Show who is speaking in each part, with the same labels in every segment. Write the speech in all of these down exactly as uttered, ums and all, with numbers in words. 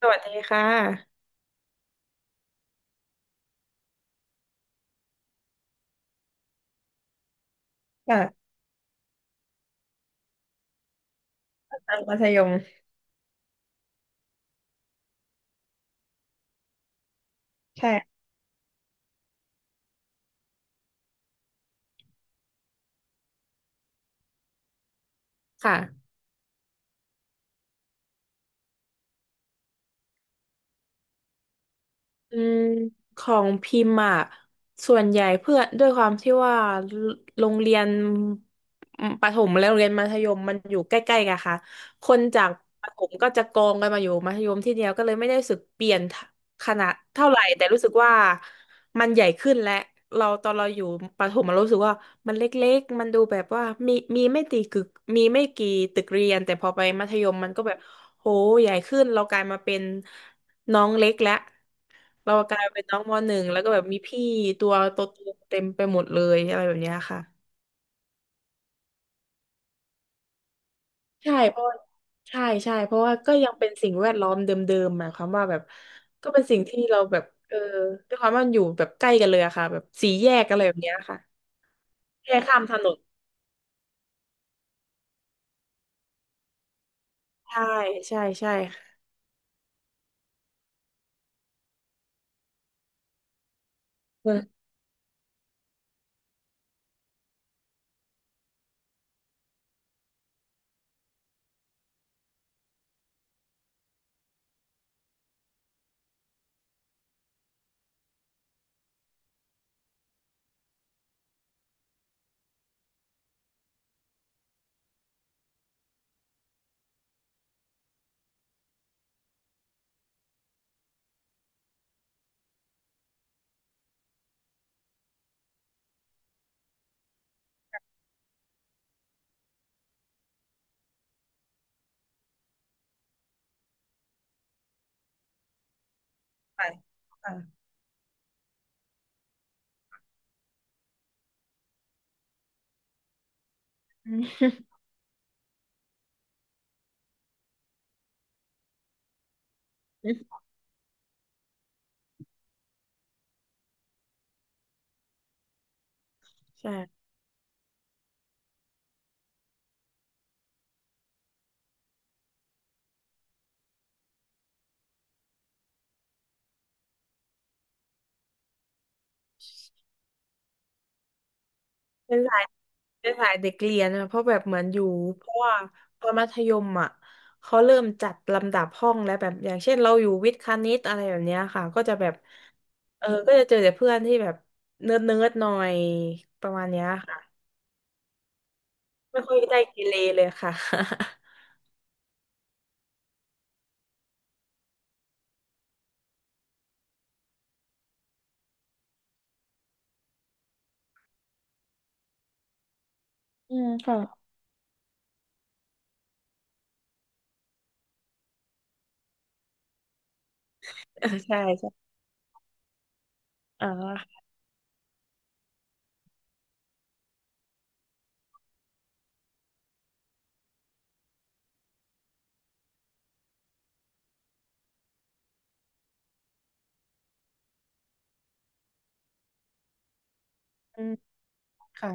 Speaker 1: สวัสดีค่ะค่ะอันมัธยมใช่ค่ะ อืมของพิมพ์อะส่วนใหญ่เพื่อนด้วยความที่ว่าโรงเรียนอืมประถมและโรงเรียนมัธยมมันอยู่ใกล้ๆกันค่ะคนจากประถมก็จะกองกันมาอยู่มัธยมที่เดียวก็เลยไม่ได้รู้สึกเปลี่ยนขนาดเท่าไหร่แต่รู้สึกว่ามันใหญ่ขึ้นและเราตอนเราอยู่ประถมเรารู้สึกว่ามันเล็กๆมันดูแบบว่ามีมีไม่ตีกึกมีไม่กี่ตึกเรียนแต่พอไปมัธยมมันก็แบบโหใหญ่ขึ้นเรากลายมาเป็นน้องเล็กแล้ว เรากลายเป็นน้องมหนึ่งแล้วก็แบบมีพี่ตัวโตๆเต็มไปหมดเลยอะไรแบบเนี้ยค่ะใช่เพราะใช่ใช่เพราะว่าก็ยังเป็นสิ่งแวดล้อมเดิมๆหมายความว่าแบบก็เป็นสิ่งที่เราแบบเออด้วยความว่ามันอยู่แบบใกล้กันเลยอะค่ะแบบสี่แยกอะไรแบบเนี้ยค่ะแค่ข้ามถนนใช่ใช่ใช่ค่ะเมืองไปค่ะอืม ใช่ เป็นสายเป็นสายเด็กเรียนนะเพราะแบบเหมือนอยู่เพราะว่าตอนมัธยมอ่ะเขาเริ่มจัดลำดับห้องแล้วแบบอย่างเช่นเราอยู่วิทย์คณิตอะไรแบบเนี้ยค่ะก็จะแบบเออก็จะเจอแต่เพื่อนที่แบบเนิร์ดเนิร์ดหน่อยประมาณเนี้ยค่ะไม่ค่อยได้เกเรเลยค่ะ อืมค่ะ ใช่ใช่อ่าอืมค่ะ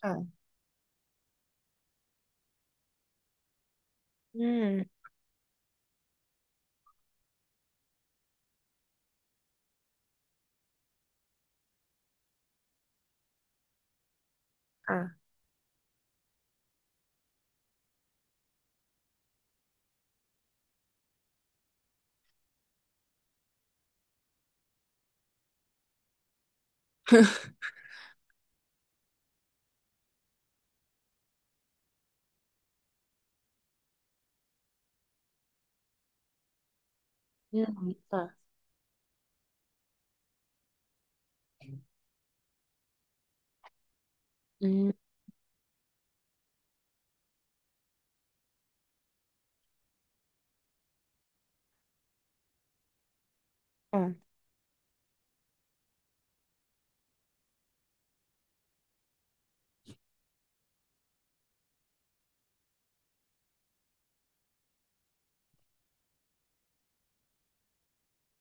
Speaker 1: ค่ะอืมอ่ะอืมค่ะอืมค่ะ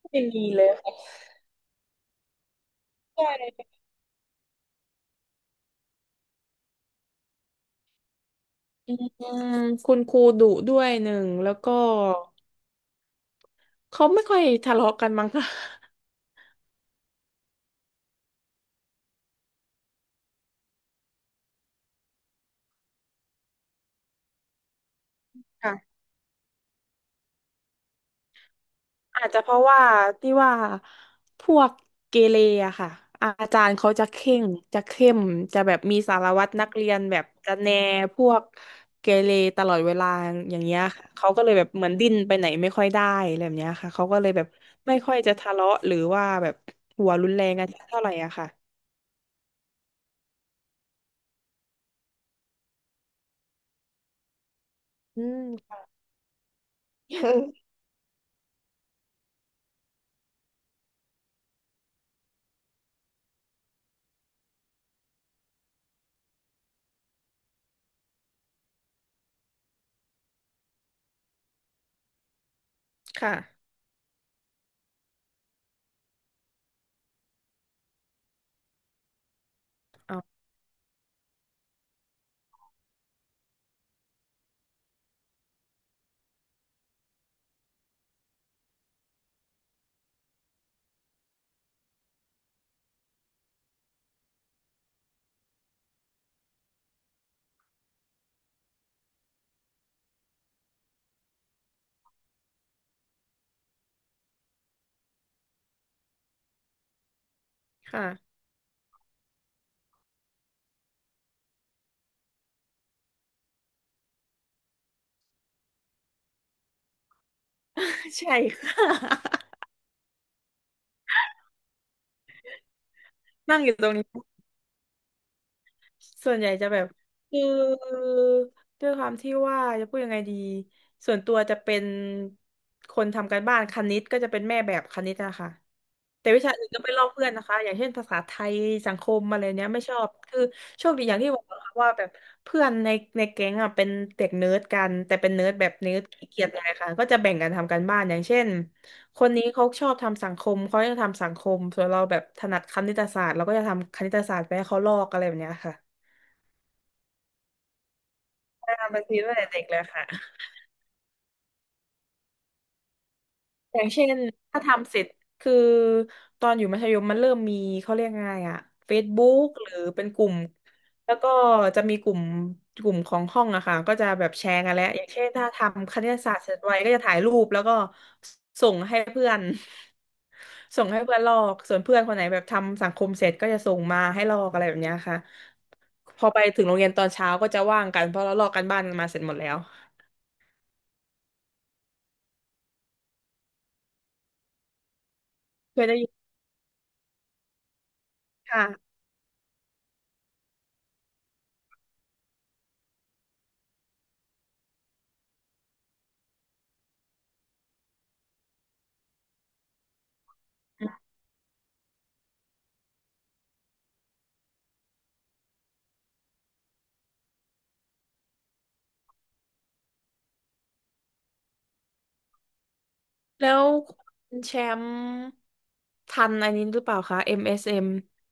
Speaker 1: ไม่มีเลยค่ะใช่ อืมคุณครูดุด้วยหนึ่งแล้วก็เขาไม่ค่อยทะเลาะกันมั้งค่ะค่ะ อาจจะเพราะว่าที่ว่าพวกเกเรอะค่ะอาจารย์เขาจะเข่งจะเข้มจะแบบมีสารวัตรนักเรียนแบบจะแนพวกเกเรตลอดเวลาอย่างเงี้ยค่ะเขาก็เลยแบบเหมือนดิ้นไปไหนไม่ค่อยได้อะไรแบบเนี้ยค่ะเขาก็เลยแบบไม่ค่อยจะทะเลาะหรือว่าแบบหัวรุนแรงกันเท่าไหร่อะค่ะอืม ค่ะ ค่ะเอาค่ะ ใช่ค่ะ นั่งอยู่ตรงนี้ ส่วนใหญ่จะแบบคือด้วยความที่ว่าจะพูดยังไงดี ส่วนตัวจะเป็น คนทำการบ้านคณิตก็จะเป็นแม่แบบคณิตนะคะ แต่วิชาอื่นก็ไปลอกเพื่อนนะคะอย่างเช่นภาษาไทยสังคมอะไรเนี้ยไม่ชอบคือโชคดีอย่างที่บอกนะคะว่าแบบเพื่อนในในแก๊งอ่ะเป็นเด็กเนิร์ดกันแต่เป็นเนิร์ดแบบเนิร์ดขี้เกียจหน่อยค่ะก็จะแบ่งกันทำการบ้านอย่างเช่นคนนี้เขาชอบทำสังคมเขาจะทำสังคมส่วนเราแบบถนัดคณิตศาสตร์เราก็จะทำคณิตศาสตร์ไปให้เขาลอกอะไรแบบเนี้ยค่ะอ่าบัญชีตั้งแต่เด็กเลยค่ะ อย่างเช่นถ้าทำเสร็จคือตอนอยู่มัธยมมันเริ่มมีเขาเรียกไงอะ Facebook หรือเป็นกลุ่มแล้วก็จะมีกลุ่มกลุ่มของห้องอะค่ะก็จะแบบแชร์กันแล้วอย่างเช่นถ้าทำคณิตศาสตร์เสร็จไวก็จะถ่ายรูปแล้วก็ส่งให้เพื่อน ส่งให้เพื่อนลอกส่วนเพื่อนคนไหนแบบทำสังคมเสร็จก็จะส่งมาให้ลอกอะไรแบบเนี้ยค่ะพอไปถึงโรงเรียนตอนเช้าก็จะว่างกันเพราะเราลอกกันบ้านกันมาเสร็จหมดแล้วเพื่อได้ยินค่ะ แล้วคุณแชมป์ทันอันนี้หรือเปล่าคะ เอ็ม เอส เอ็ม อมเอสเอ็ม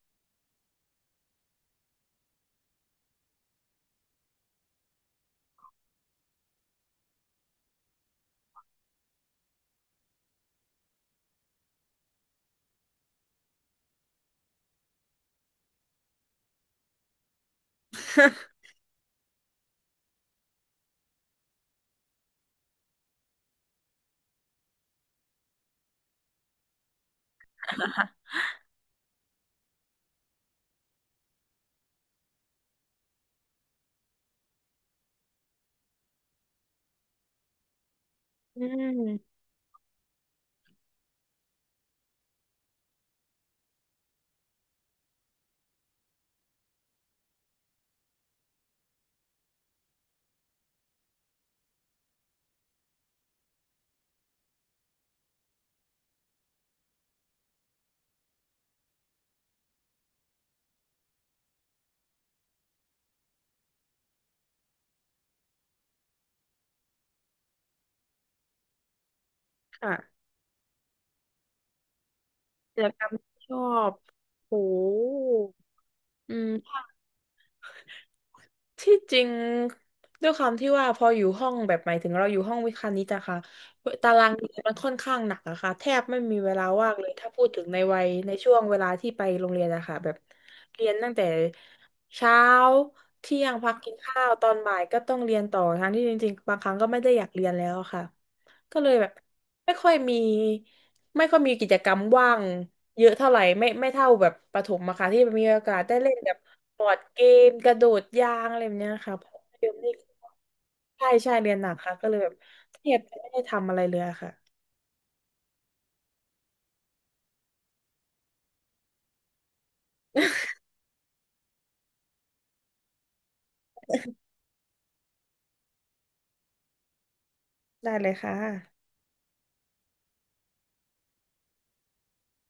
Speaker 1: อืมค่ะกิจกรรมที่ชอบโหอืม ที่จริงด้วยความที่ว่าพออยู่ห้องแบบหมายถึงเราอยู่ห้องวิคานิตอะค่ะตารางเรียนมันค่อนข้างหนักอะค่ะแทบไม่มีเวลาว่างเลยถ้าพูดถึงในวัยในช่วงเวลาที่ไปโรงเรียนอะค่ะแบบเรียนตั้งแต่เช้าเที่ยงพักกินข้าวตอนบ่ายก็ต้องเรียนต่อทั้งที่จริงๆบางครั้งก็ไม่ได้อยากเรียนแล้วอะค่ะก็เลยแบบ ไม่ค่อยมีไม่ค่อยมีกิจกรรมว่างเยอะเท่าไหร่ไม่ไม่เท่าแบบประถมอะค่ะที่มีโอกาสได้เล่นแบบบอร์ดเกมกระโดดยางอะไรแบบเนี้ยค่ะเพราะเดี๋ยวนี้ใช่ใช่เรียนหนักค่ะก็เลยแบบแทบจะไม่ได้ทำอะไรเลยอะค่ะ ได้เลยค่ะ